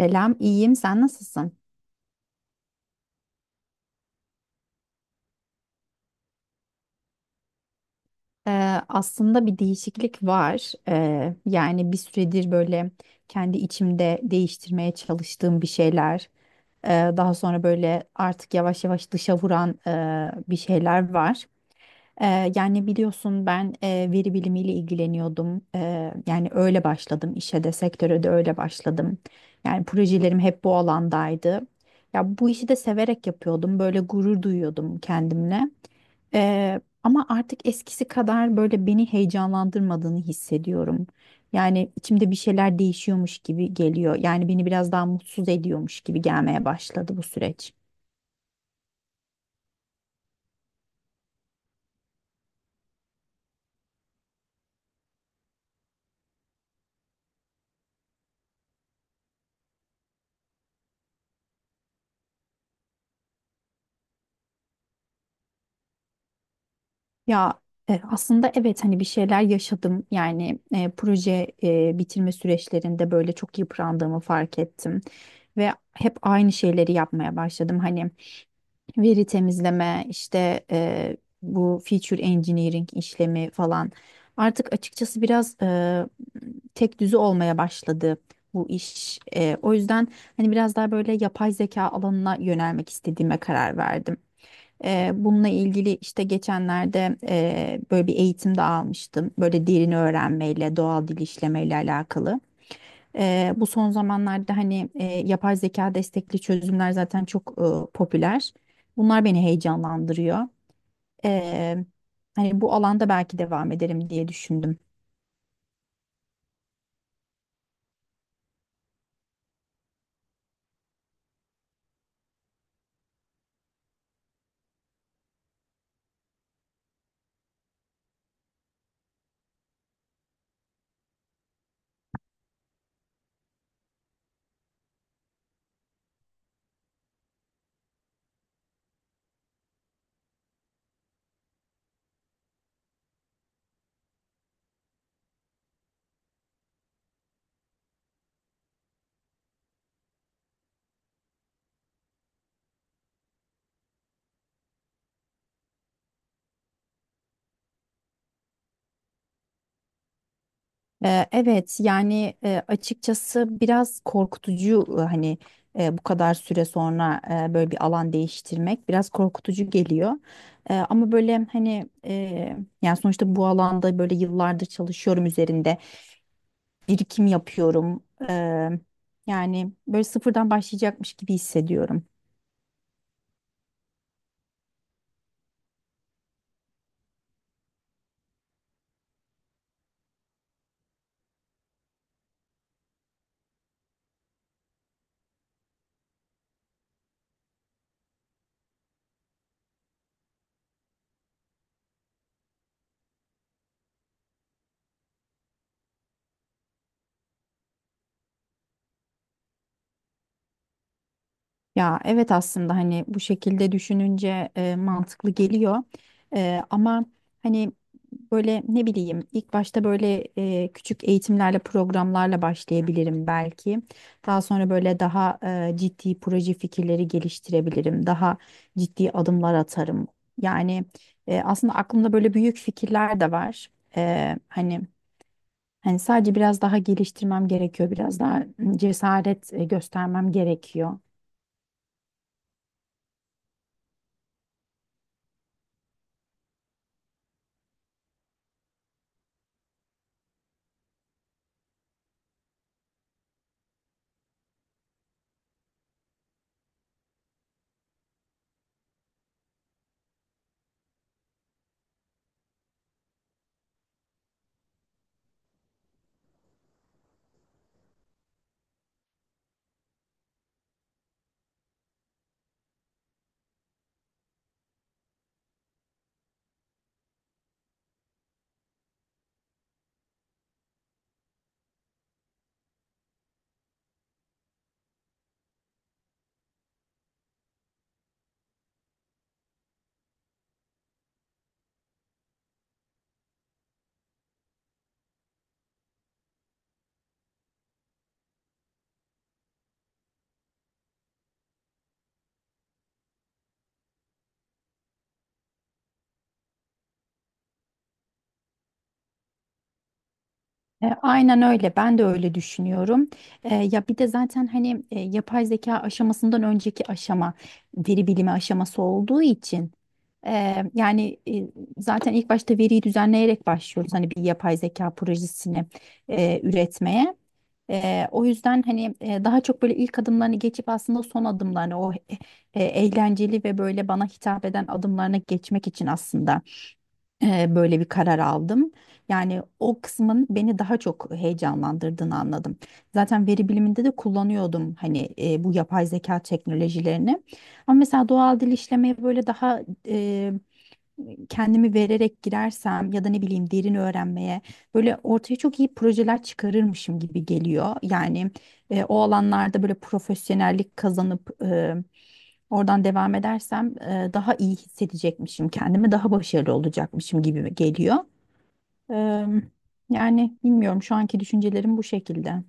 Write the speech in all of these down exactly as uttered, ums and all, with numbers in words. Selam, iyiyim. Sen nasılsın? Ee, aslında bir değişiklik var. Ee, yani bir süredir böyle kendi içimde değiştirmeye çalıştığım bir şeyler, e, daha sonra böyle artık yavaş yavaş dışa vuran e, bir şeyler var. Eee, yani biliyorsun ben eee, veri bilimiyle ilgileniyordum. Eee, yani öyle başladım işe de sektöre de öyle başladım. Yani projelerim hep bu alandaydı. Ya bu işi de severek yapıyordum. Böyle gurur duyuyordum kendimle. Eee, ama artık eskisi kadar böyle beni heyecanlandırmadığını hissediyorum. Yani içimde bir şeyler değişiyormuş gibi geliyor. Yani beni biraz daha mutsuz ediyormuş gibi gelmeye başladı bu süreç. Ya e, aslında evet hani bir şeyler yaşadım yani e, proje e, bitirme süreçlerinde böyle çok yıprandığımı fark ettim ve hep aynı şeyleri yapmaya başladım hani veri temizleme, işte e, bu feature engineering işlemi falan. Artık açıkçası biraz e, tek düze olmaya başladı bu iş. E, o yüzden hani biraz daha böyle yapay zeka alanına yönelmek istediğime karar verdim. E, bununla ilgili işte geçenlerde e, böyle bir eğitim de almıştım. Böyle derin öğrenmeyle, doğal dil işlemeyle alakalı. Eee, bu son zamanlarda hani eee, yapay zeka destekli çözümler zaten çok eee, popüler. Bunlar beni heyecanlandırıyor. Eee, Hani bu alanda belki devam ederim diye düşündüm. Eee, evet yani eee, açıkçası biraz korkutucu, eee, hani eee, bu kadar süre sonra eee, böyle bir alan değiştirmek biraz korkutucu geliyor. Eee, ama böyle hani eee, yani sonuçta bu alanda böyle yıllardır çalışıyorum üzerinde. Birikim yapıyorum. Eee, yani böyle sıfırdan başlayacakmış gibi hissediyorum. Ya evet aslında hani bu şekilde düşününce e, mantıklı geliyor. Eee, ama hani böyle ne bileyim ilk başta böyle e, küçük eğitimlerle programlarla başlayabilirim belki. Daha sonra böyle daha e, ciddi proje fikirleri geliştirebilirim. Daha ciddi adımlar atarım. Yani e, aslında aklımda böyle büyük fikirler de var. Eee, hani. Hani sadece biraz daha geliştirmem gerekiyor, biraz daha cesaret e, göstermem gerekiyor. E, aynen öyle, ben de öyle düşünüyorum. E, ya bir de zaten hani e, yapay zeka aşamasından önceki aşama veri bilimi aşaması olduğu için e, yani e, zaten ilk başta veriyi düzenleyerek başlıyoruz hani bir yapay zeka projesini e, üretmeye. Eee, o yüzden hani e, daha çok böyle ilk adımlarını geçip aslında son adımlarını o e- e, eğlenceli ve böyle bana hitap eden adımlarına geçmek için aslında e, böyle bir karar aldım. Yani o kısmın beni daha çok heyecanlandırdığını anladım. Zaten veri biliminde de kullanıyordum hani e, bu yapay zeka teknolojilerini. Ama mesela doğal dil işlemeye böyle daha kendimi vererek girersem ya da ne bileyim derin öğrenmeye böyle ortaya çok iyi projeler çıkarırmışım gibi geliyor. Yani e, o alanlarda böyle profesyonellik kazanıp e, oradan devam edersem e, daha iyi hissedecekmişim kendimi, daha başarılı olacakmışım gibi geliyor. E, Yani bilmiyorum, şu anki düşüncelerim bu şekilde.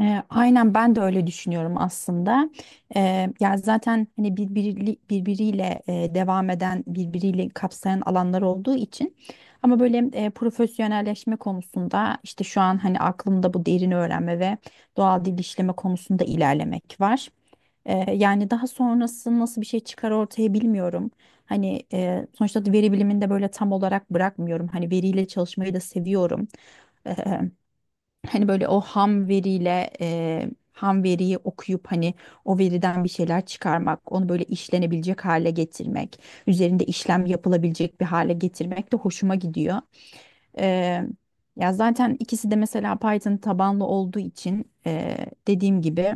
E, aynen ben de öyle düşünüyorum aslında. E, ya zaten hani birbiri, birbiriyle e, devam eden, birbiriyle kapsayan alanlar olduğu için. Ama böyle e, profesyonelleşme konusunda işte şu an hani aklımda bu derin öğrenme ve doğal dil işleme konusunda ilerlemek var. E, yani daha sonrası nasıl bir şey çıkar ortaya bilmiyorum. Hani e, sonuçta veri bilimini de böyle tam olarak bırakmıyorum. Hani veriyle çalışmayı da seviyorum. Hani böyle o ham veriyle e, ham veriyi okuyup hani o veriden bir şeyler çıkarmak, onu böyle işlenebilecek hale getirmek, üzerinde işlem yapılabilecek bir hale getirmek de hoşuma gidiyor. E, Ya zaten ikisi de mesela Python tabanlı olduğu için e, dediğim gibi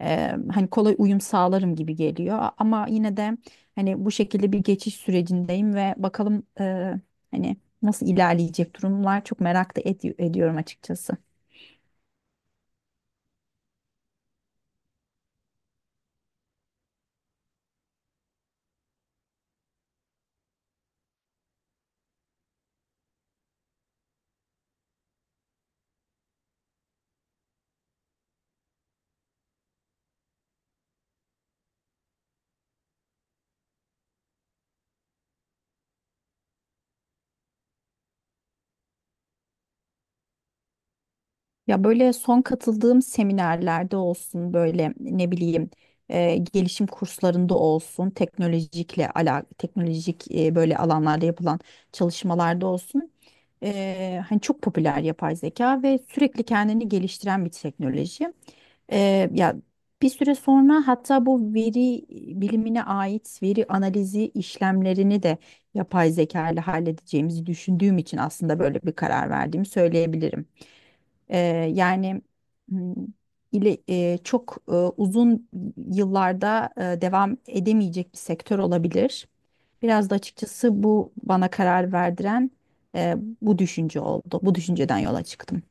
e, hani kolay uyum sağlarım gibi geliyor. Ama yine de hani bu şekilde bir geçiş sürecindeyim ve bakalım, e, hani nasıl ilerleyecek durumlar çok merak da edi- ediyorum açıkçası. Ya böyle son katıldığım seminerlerde olsun böyle ne bileyim e, gelişim kurslarında olsun teknolojikle ala teknolojik e, böyle alanlarda yapılan çalışmalarda olsun e, hani çok popüler yapay zeka ve sürekli kendini geliştiren bir teknoloji. E, ya bir süre sonra hatta bu veri bilimine ait veri analizi işlemlerini de yapay zeka ile halledeceğimizi düşündüğüm için aslında böyle bir karar verdiğimi söyleyebilirim. Ee, Yani hmm, ile e, çok e, uzun yıllarda e, devam edemeyecek bir sektör olabilir. Biraz da açıkçası bu bana karar verdiren e, bu düşünce oldu. Bu düşünceden yola çıktım.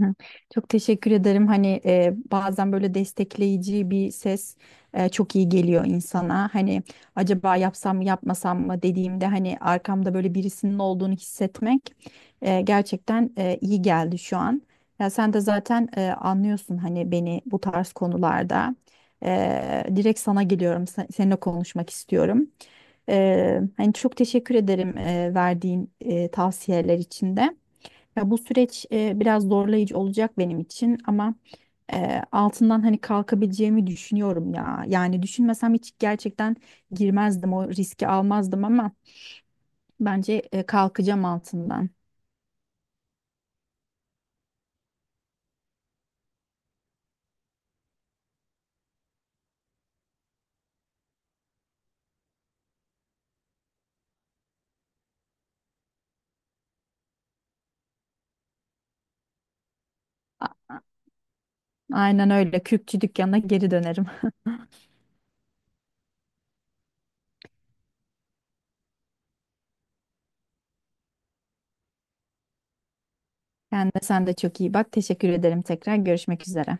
Hı hı. Çok teşekkür ederim. Hani e, bazen böyle destekleyici bir ses e, çok iyi geliyor insana. Hani acaba yapsam mı yapmasam mı dediğimde hani arkamda böyle birisinin olduğunu hissetmek e, gerçekten e, iyi geldi şu an. Ya sen de zaten e, anlıyorsun hani beni bu tarz konularda. E, direkt sana geliyorum. Sen- Seninle konuşmak istiyorum. E, hani çok teşekkür ederim e, verdiğin e, tavsiyeler için de. Ya bu süreç e, biraz zorlayıcı olacak benim için, ama e, altından hani kalkabileceğimi düşünüyorum ya. Yani düşünmesem hiç gerçekten girmezdim, o riski almazdım, ama bence e, kalkacağım altından. A- Aynen öyle. Kürkçü dükkanına geri dönerim. Kendine sen de çok iyi bak. Teşekkür ederim tekrar. Görüşmek üzere.